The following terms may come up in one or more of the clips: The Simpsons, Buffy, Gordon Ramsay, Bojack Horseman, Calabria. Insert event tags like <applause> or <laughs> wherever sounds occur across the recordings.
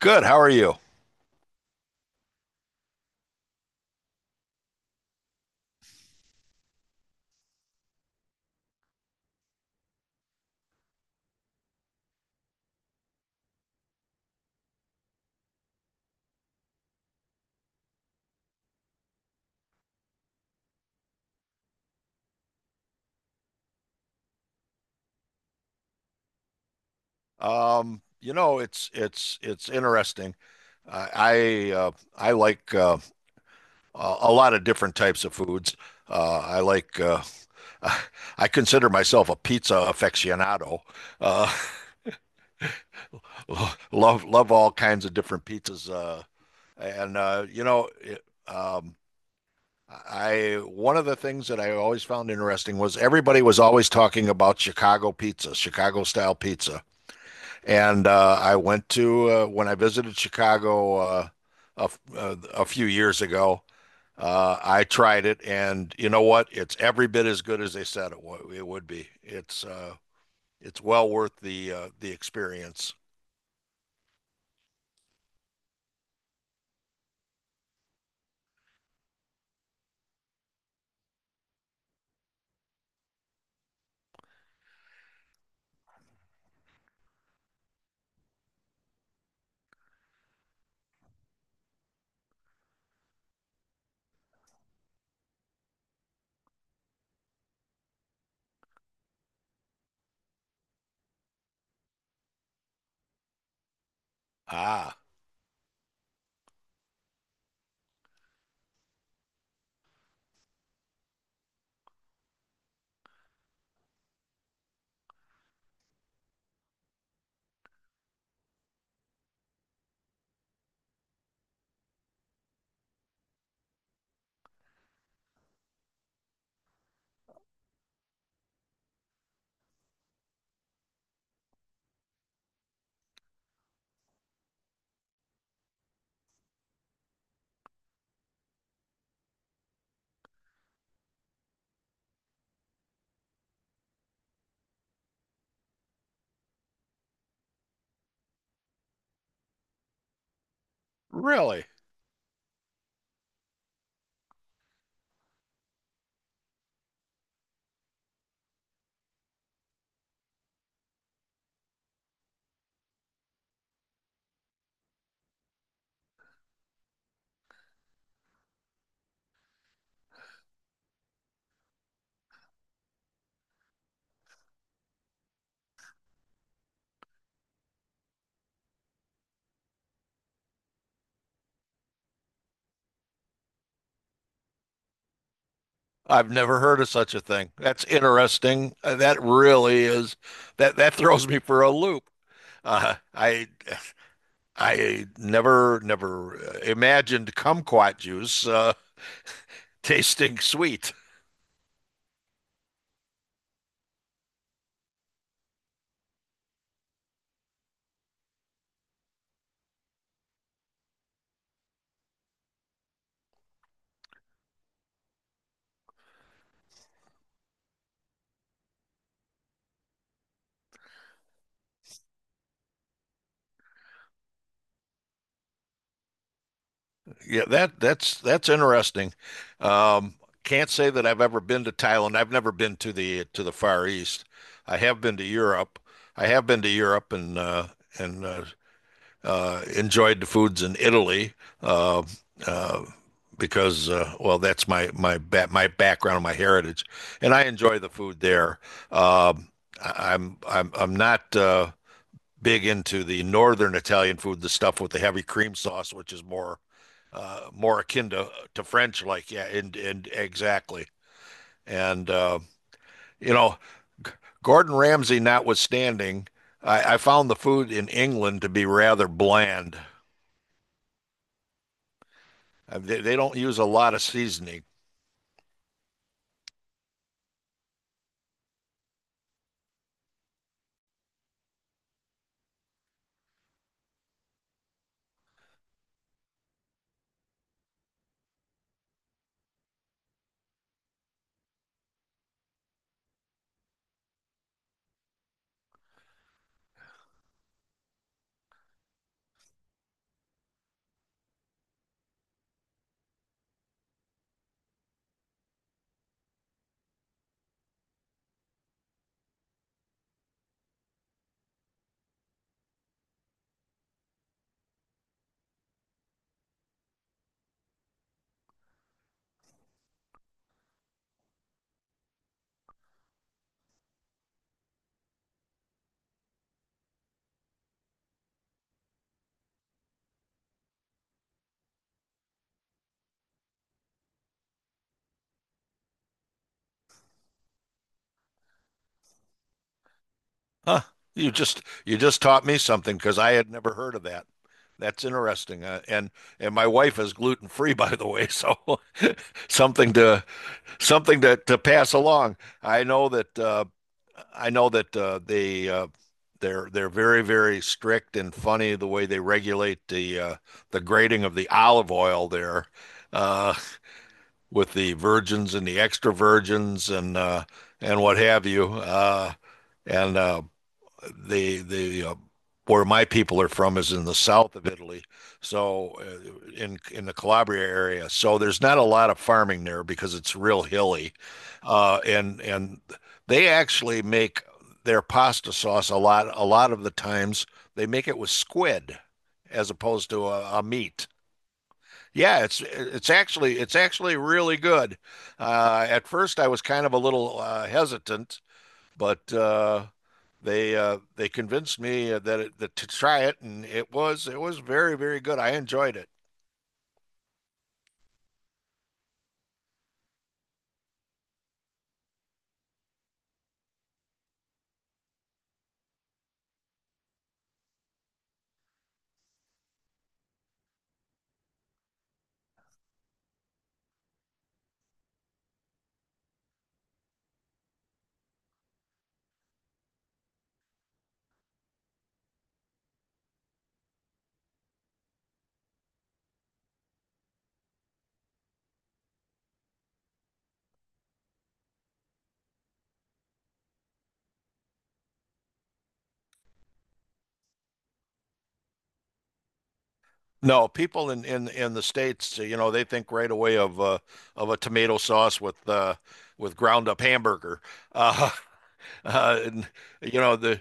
Good. How are you? It's interesting. Uh, I uh, I like a lot of different types of foods. I like <laughs> I consider myself a pizza aficionado. Uh, <laughs> love all kinds of different pizzas. And you know, it, I One of the things that I always found interesting was everybody was always talking about Chicago pizza, Chicago style pizza. And I went to when I visited Chicago a few years ago. I tried it, and you know what? It's every bit as good as they said it would be. It's well worth the experience. Ah, really? I've never heard of such a thing. That's interesting. That really is that throws me for a loop. Uh, I I never imagined kumquat juice tasting sweet. Yeah, that's interesting. Um, can't say that I've ever been to Thailand. I've never been to the Far East. I have been to Europe. I have been to Europe and enjoyed the foods in Italy uh, uh, because well, that's my background, my heritage, and I enjoy the food there. Um, I'm not big into the northern Italian food, the stuff with the heavy cream sauce, which is more more akin to French, like, yeah, and exactly. And uh, you know, Gordon Ramsay notwithstanding, I found the food in England to be rather bland. They don't use a lot of seasoning. Huh? You just taught me something because I had never heard of that. That's interesting. And my wife is gluten free, <laughs> by the way, so <laughs> something to something to pass along. I know that uh, I know that they're very very strict and funny the way they regulate the grading of the olive oil there uh, with the virgins and the extra virgins and what have you. And the Where my people are from is in the south of Italy, so in the Calabria area. So there's not a lot of farming there because it's real hilly, and they actually make their pasta sauce a lot of the times they make it with squid as opposed to a meat. Yeah, it's actually really good. At first, I was kind of a little hesitant, but they convinced me that to try it, and it was very very good. I enjoyed it. No, people in the States, they think right away of a tomato sauce with ground up hamburger. Uh, <laughs> uh, and, you know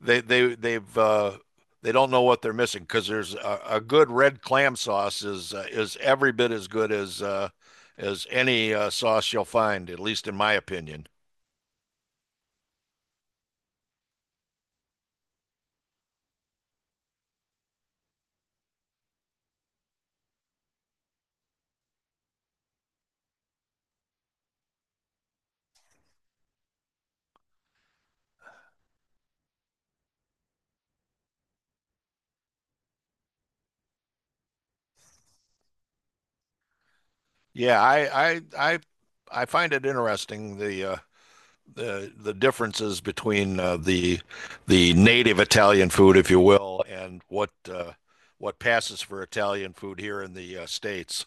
they they they've uh, they don't know what they're missing because there's a good red clam sauce is every bit as good as any sauce you'll find, at least in my opinion. Yeah, I I I I find it interesting the differences between the native Italian food, if you will, and what passes for Italian food here in the States.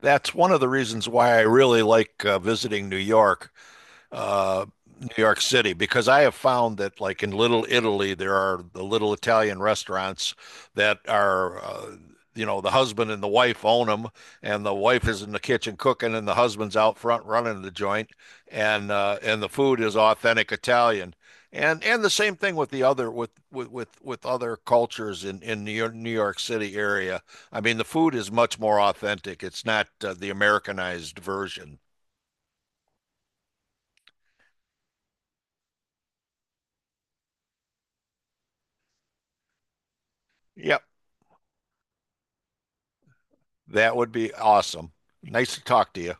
That's one of the reasons why I really like visiting New York. uh, New York City because I have found that, like in Little Italy, there are the little Italian restaurants that are, you know, the husband and the wife own them, and the wife is in the kitchen cooking, and the husband's out front running the joint, and the food is authentic Italian. And the same thing with the other with other cultures in New York, New York City area. I mean, the food is much more authentic. It's not the Americanized version. Yeah, that would be awesome. Nice to talk to you.